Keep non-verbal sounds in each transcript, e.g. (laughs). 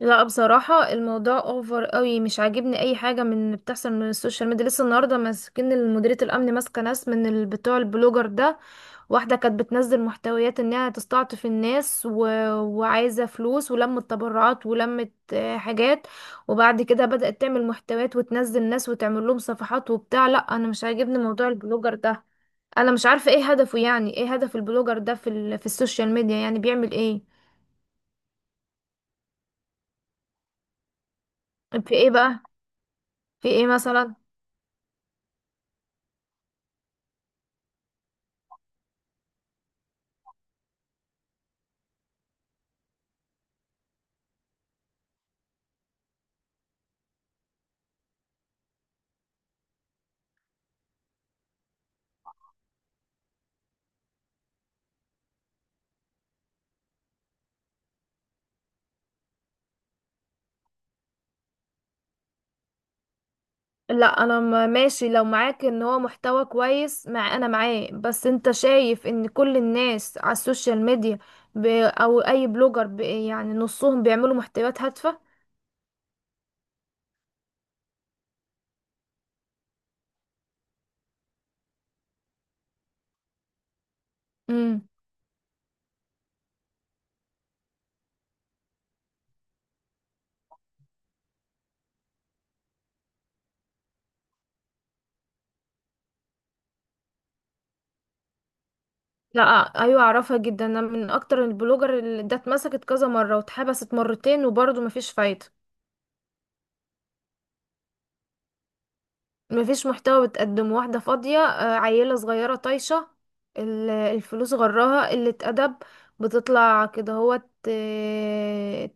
لا، بصراحة الموضوع اوفر قوي، مش عاجبني اي حاجة من اللي بتحصل من السوشيال ميديا. لسه النهاردة ماسكين مديرية الامن، ماسكة ناس من بتوع البلوجر ده. واحدة كانت بتنزل محتويات انها تستعطف الناس وعايزة فلوس ولمت تبرعات ولمت حاجات. وبعد كده بدأت تعمل محتويات وتنزل ناس وتعمل لهم صفحات وبتاع. لا، انا مش عاجبني موضوع البلوجر ده. انا مش عارفة ايه هدفه، يعني ايه هدف البلوجر ده في في السوشيال ميديا؟ يعني بيعمل ايه؟ في ايه بقى؟ في ايه مثلا؟ لا، انا ماشي لو معاك ان هو محتوى كويس، مع انا معاه، بس انت شايف ان كل الناس على السوشيال ميديا، او اي بلوجر، يعني نصهم بيعملوا محتويات هادفة. امم. لا. ايوه، اعرفها جدا. انا من اكتر البلوجر اللي ده، اتمسكت كذا مرة واتحبست مرتين، وبرضه مفيش فايدة. مفيش محتوى بتقدمه، واحدة فاضية، عيلة صغيرة طايشة. الفلوس غراها قلة أدب. بتطلع كده هو،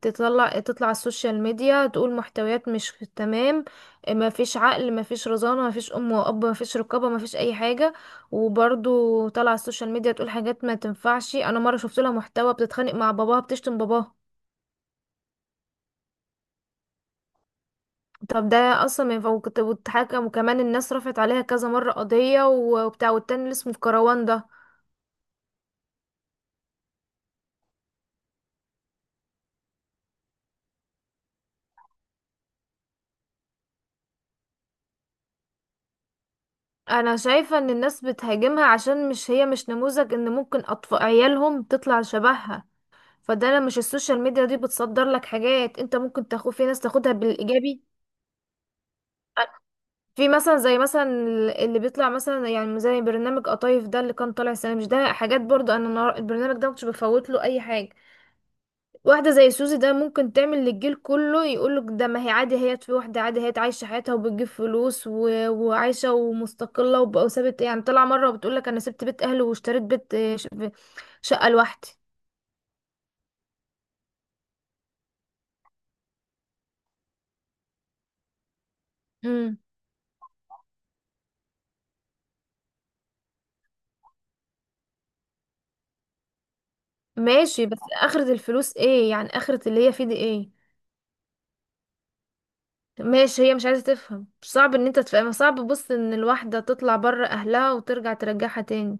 تطلع على السوشيال ميديا تقول محتويات مش تمام. مفيش عقل، مفيش رزانة، مفيش أم وأب، مفيش رقابة، مفيش أي حاجة. وبرضو طالعة على السوشيال ميديا تقول حاجات ما تنفعش. أنا مرة شفت لها محتوى، بتتخانق مع باباها، بتشتم باباها. طب ده اصلا ما ينفع، واتحكم، وكمان الناس رفعت عليها كذا مرة قضية وبتاع. والتاني اللي اسمه في كروان ده. انا شايفة ان الناس بتهاجمها عشان مش، هي مش نموذج ان ممكن اطفال عيالهم تطلع شبهها. فده لما مش، السوشيال ميديا دي بتصدر لك حاجات انت ممكن تاخد، في ناس تاخدها بالايجابي. في مثلا، زي مثلا، اللي بيطلع مثلا، يعني زي برنامج قطايف ده اللي كان طالع السنة، مش ده حاجات برضو. انا البرنامج ده مكنتش بفوت له اي حاجة. واحدة زي سوزي ده ممكن تعمل للجيل كله يقولك، ده ما هي عادي، هي، في واحدة عادي هي عايشة حياتها وبتجيب فلوس وعايشة ومستقلة وسابت، يعني طلع مرة وبتقولك أنا سبت بيت أهلي واشتريت بيت، شقة لوحدي. مم. ماشي، بس آخرة الفلوس ايه؟ يعني آخرة اللي هي فيه دي ايه؟ ماشي، هي مش عايزة تفهم، صعب ان انت تفهم، صعب، بص، ان الواحدة تطلع بره أهلها وترجع ترجعها تاني.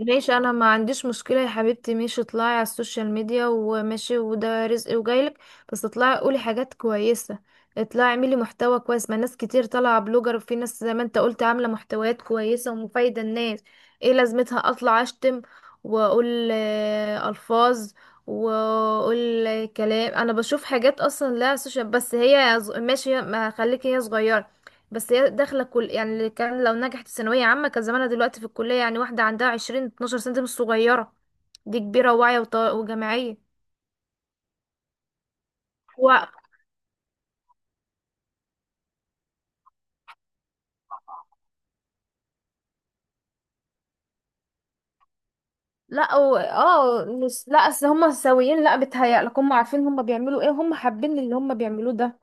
ماشي، انا ما عنديش مشكلة يا حبيبتي، ماشي اطلعي على السوشيال ميديا، وماشي، وده رزق وجايلك. بس اطلعي قولي حاجات كويسة. اطلعي اعملي محتوى كويس، ما ناس كتير طالعة بلوجر، وفي ناس زي ما انت قلت عاملة محتويات كويسة ومفايدة الناس. ايه لازمتها اطلع اشتم، واقول الفاظ، واقول كلام؟ انا بشوف حاجات اصلا لا سوشيال. بس هي ماشي، ما خليكي، هي صغيرة. بس هي داخله كل، يعني اللي كان لو نجحت في ثانويه عامه كان زمانها دلوقتي في الكليه. يعني واحده عندها 20 سنة 12 سنة سنه، دي مش صغيره، دي كبيره وواعيه وجامعيه. و... لا لا، اصل هم سويين، لا بيتهيألك هم عارفين هم بيعملوا ايه، هم حابين اللي هم بيعملوه ده.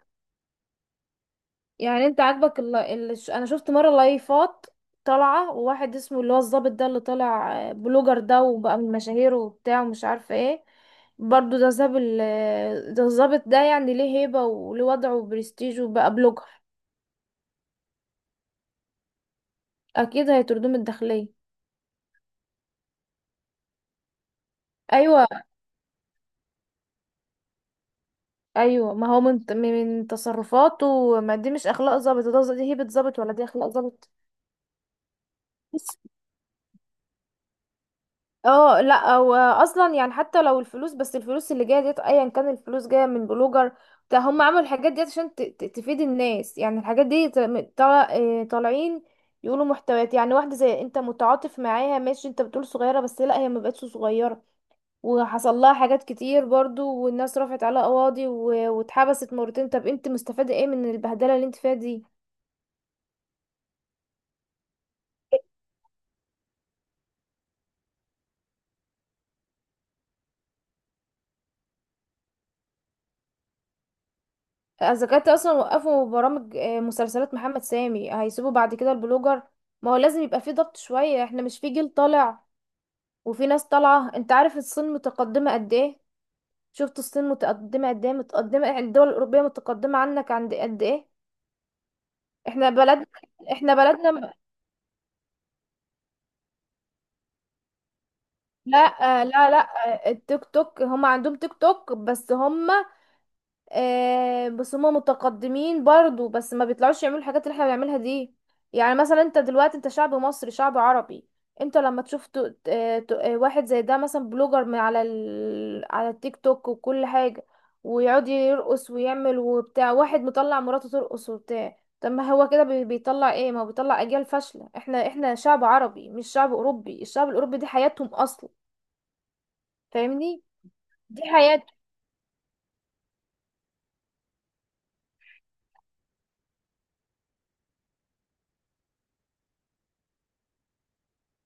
يعني انت عاجبك انا شفت مره لايفات طالعه، وواحد اسمه اللي هو الظابط ده اللي طالع بلوجر ده، وبقى من مشاهير وبتاع ومش عارفه ايه. برضو ده ساب ده الظابط ده، يعني ليه هيبه وليه وضعه وبرستيج، وبقى بلوجر. اكيد هيطردوه من الداخليه. ايوه. ايوه، ما هو من تصرفاته، ما دي مش اخلاق ظابط، ده دي هيبه ظابط ولا دي اخلاق ظابط؟ اه، لا هو اصلا يعني، حتى لو الفلوس، بس الفلوس اللي جايه ديت ايا كان الفلوس جايه من بلوجر، ده هم عملوا الحاجات ديت عشان تفيد الناس. يعني الحاجات دي طالعين يقولوا محتويات، يعني واحده زي انت متعاطف معاها، ماشي انت بتقول صغيره، بس لا، هي ما بقتش صغيره. وحصل لها حاجات كتير برضو، والناس رفعت عليها قواضي واتحبست مرتين. طب انت مستفاده ايه من البهدله اللي انت فيها دي؟ اذا كانت اصلا وقفوا برامج، مسلسلات محمد سامي، هيسيبوا بعد كده البلوجر؟ ما هو لازم يبقى في ضغط شوية، احنا مش في جيل طالع وفي ناس طالعة. انت عارف الصين متقدمة قد ايه؟ شفت الصين متقدمة قد ايه، متقدمة يعني الدول الأوروبية متقدمة عنك عند قد ايه؟ احنا بلد، احنا بلدنا لا. لا، لا. التيك توك، هم عندهم تيك توك، بس هم، بس هما متقدمين برضو، بس ما بيطلعوش يعملوا الحاجات اللي احنا بنعملها دي. يعني مثلا انت دلوقتي، انت شعب مصري، شعب عربي. انت لما تشوف واحد زي ده، مثلا بلوجر من على على التيك توك وكل حاجة، ويقعد يرقص ويعمل وبتاع، واحد مطلع مراته ترقص وبتاع. طب ما هو كده بيطلع ايه؟ ما هو بيطلع اجيال فاشلة. احنا احنا شعب عربي مش شعب اوروبي، الشعب الاوروبي دي حياتهم اصلا. فاهمني؟ دي حياتهم.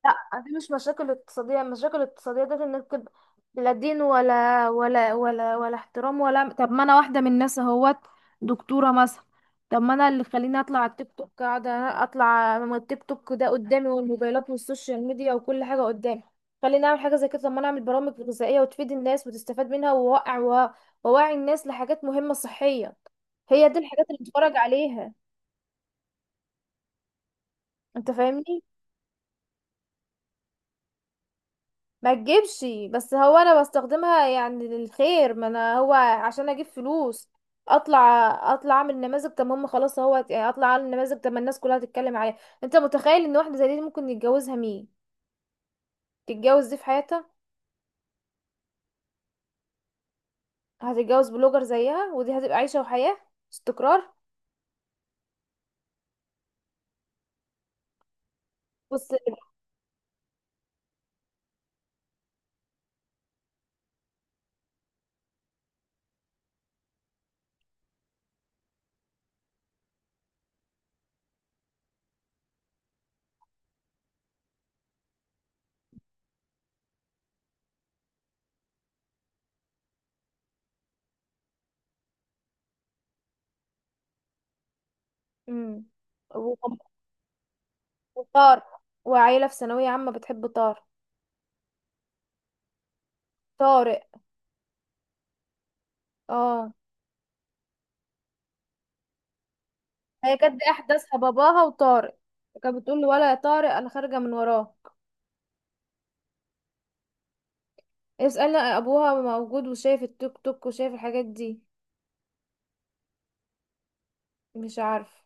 لا، دي مش مشاكل اقتصادية، المشاكل الاقتصادية دي انك تبقى لا دين ولا احترام ولا. طب ما انا واحدة من الناس اهوت، دكتورة مثلا. طب ما انا اللي خليني اطلع على التيك توك، قاعدة اطلع، ما التيك توك ده قدامي والموبايلات والسوشيال ميديا وكل حاجة قدامي. خليني اعمل حاجة زي كده، طب ما انا اعمل برامج غذائية وتفيد الناس وتستفاد منها ووقع ووعي الناس لحاجات مهمة صحية. هي دي الحاجات اللي بتفرج عليها. انت فاهمني؟ ما تجيبش. بس هو انا بستخدمها يعني للخير، ما انا هو عشان اجيب فلوس اطلع؟ اطلع اعمل نماذج، طب هم خلاص، هو يعني اطلع اعمل نماذج طب ما الناس كلها تتكلم عليها. انت متخيل ان واحده زي دي ممكن يتجوزها مين؟ تتجوز دي في حياتها؟ هتتجوز بلوجر زيها، ودي هتبقى عيشه وحياه، استقرار. بص، امم، وطار، وعيله في ثانويه عامه، بتحب طار، طارق. اه، هي كانت دي احداثها، باباها وطارق. كانت بتقول له، ولا يا طارق انا خارجه من وراه. اسألنا، ابوها موجود وشايف التيك توك وشايف الحاجات دي. مش عارف.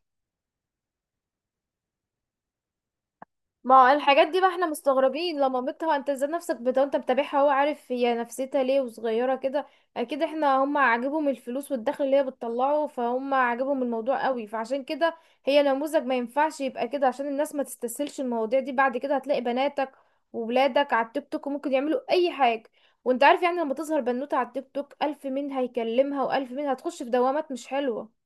ما هو الحاجات دي بقى، احنا مستغربين لما، مامتها انت ازاي نفسك بتاع انت متابعها، هو عارف هي نفسيتها ليه وصغيرة كده؟ اكيد، احنا هم عاجبهم الفلوس والدخل اللي هي بتطلعه، فهم عاجبهم الموضوع قوي، فعشان كده هي نموذج ما ينفعش يبقى كده، عشان الناس ما تستسهلش المواضيع دي. بعد كده هتلاقي بناتك وولادك على التيك توك، وممكن يعملوا اي حاجة. وانت عارف يعني، لما تظهر بنوتة على التيك توك الف مين هيكلمها، والف مين هتخش في دوامات مش حلوة.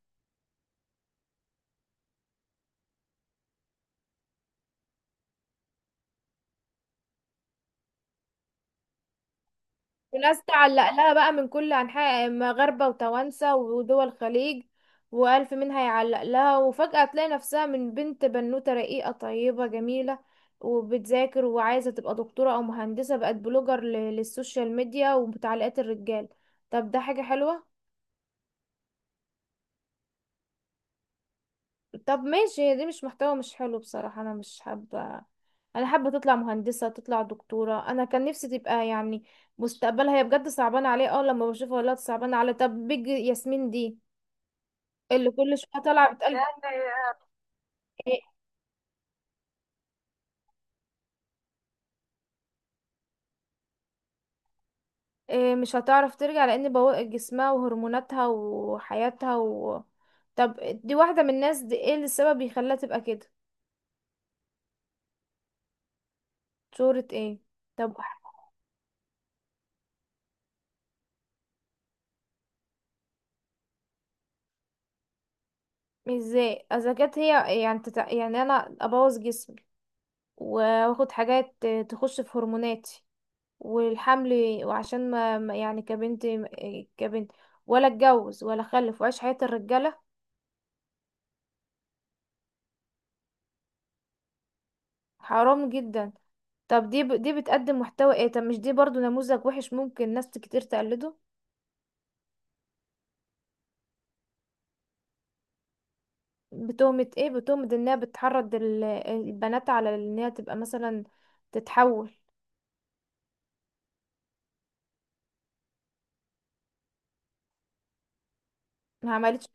وناس تعلق لها بقى من كل أنحاء، مغاربة وتوانسة ودول الخليج، وألف منها يعلق لها، وفجأة تلاقي نفسها من بنت بنوتة رقيقة طيبة جميلة وبتذاكر وعايزة تبقى دكتورة أو مهندسة، بقت بلوجر للسوشيال ميديا وبتعليقات الرجال. طب ده حاجة حلوة؟ طب ماشي، هي دي مش محتوى، مش حلو بصراحة، أنا مش حابة. أنا حابة تطلع مهندسة، تطلع دكتورة، أنا كان نفسي تبقى، يعني مستقبلها هي بجد صعبانة عليه. اه، لما بشوفها والله صعبانة على. طب بيج ياسمين دي، اللي كل شويه طالعه بتقول، إيه؟ إيه، مش هتعرف ترجع، لان بوق جسمها وهرموناتها وحياتها طب، دي واحده من الناس، دي ايه اللي السبب بيخليها تبقى كده؟ شهرة ايه؟ طب، ازاي اذا كانت هي يعني يعني انا ابوظ جسمي، واخد حاجات تخش في هرموناتي والحمل، وعشان ما يعني كبنت، كبنت، ولا اتجوز ولا اخلف واعيش حياة الرجاله؟ حرام جدا. طب دي دي بتقدم محتوى ايه؟ طب مش دي برضو نموذج وحش ممكن ناس كتير تقلده؟ بتهمة ايه؟ بتهمة انها بتحرض البنات على انها تبقى مثلا تتحول. ما عملتش.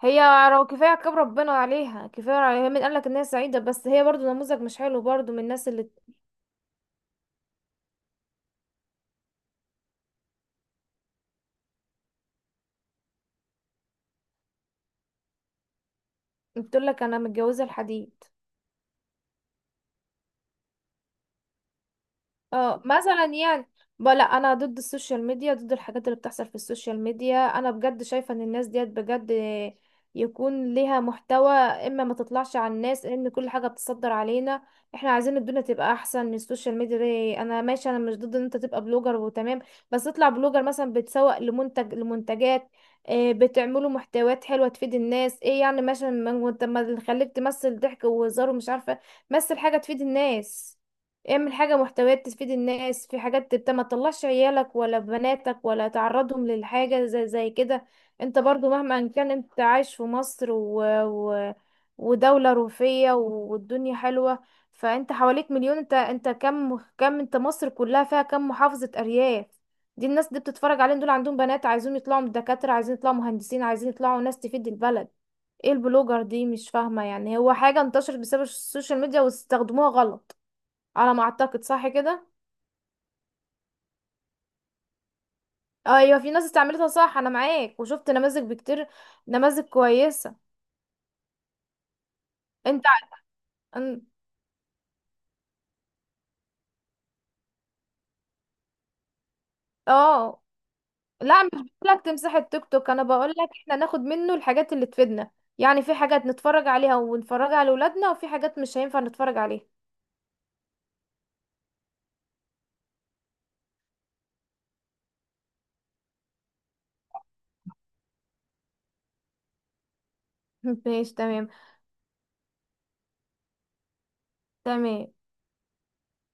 هي لو، كفاية كتاب ربنا عليها، كفاية عليها، مين قالك انها سعيدة؟ بس هي برضو نموذج مش حلو برضو، من الناس اللي بتقولك انا متجوزة الحديد. اه، مثلا يعني، لا، انا ضد السوشيال ميديا، ضد الحاجات اللي بتحصل في السوشيال ميديا. انا بجد شايفة ان الناس ديت بجد يكون ليها محتوى، اما ما تطلعش على الناس ان كل حاجة بتصدر علينا. احنا عايزين الدنيا تبقى احسن. السوشيال ميديا دي، انا ماشي، انا مش ضد ان انت تبقى بلوجر وتمام. بس اطلع بلوجر مثلا بتسوق لمنتج، لمنتجات، إيه، بتعملوا محتويات حلوة تفيد الناس. ايه يعني مثلا وانت ما تخليك تمثل ضحك وهزار ومش عارفة. مثل حاجة تفيد الناس. اعمل حاجة، محتويات تفيد الناس في حاجات تبت، ما تطلعش عيالك ولا بناتك ولا تعرضهم للحاجة زي كده. انت برضو مهما كان انت عايش في مصر ودولة روفية والدنيا حلوة. فانت حواليك مليون، انت كم، انت مصر كلها فيها كم محافظة، ارياف. دي الناس دي بتتفرج عليهم، دول عندهم بنات عايزين يطلعوا دكاترة، عايزين يطلعوا مهندسين، عايزين يطلعوا ناس تفيد البلد. ايه البلوجر دي مش فاهمة، يعني هو حاجة انتشرت بسبب السوشيال ميديا واستخدموها غلط، على ما اعتقد، صح كده؟ ايوه، في ناس استعملتها صح، انا معاك وشفت نماذج بكتير، نماذج كويسه. انت، أن- اه، لا مش، بقولك تمسح التيك توك؟ انا بقولك احنا ناخد منه الحاجات اللي تفيدنا. يعني في حاجات نتفرج عليها ونفرجها على ولادنا، وفي حاجات مش هينفع نتفرج عليها. (laughs) ماشي، تمام. تمام.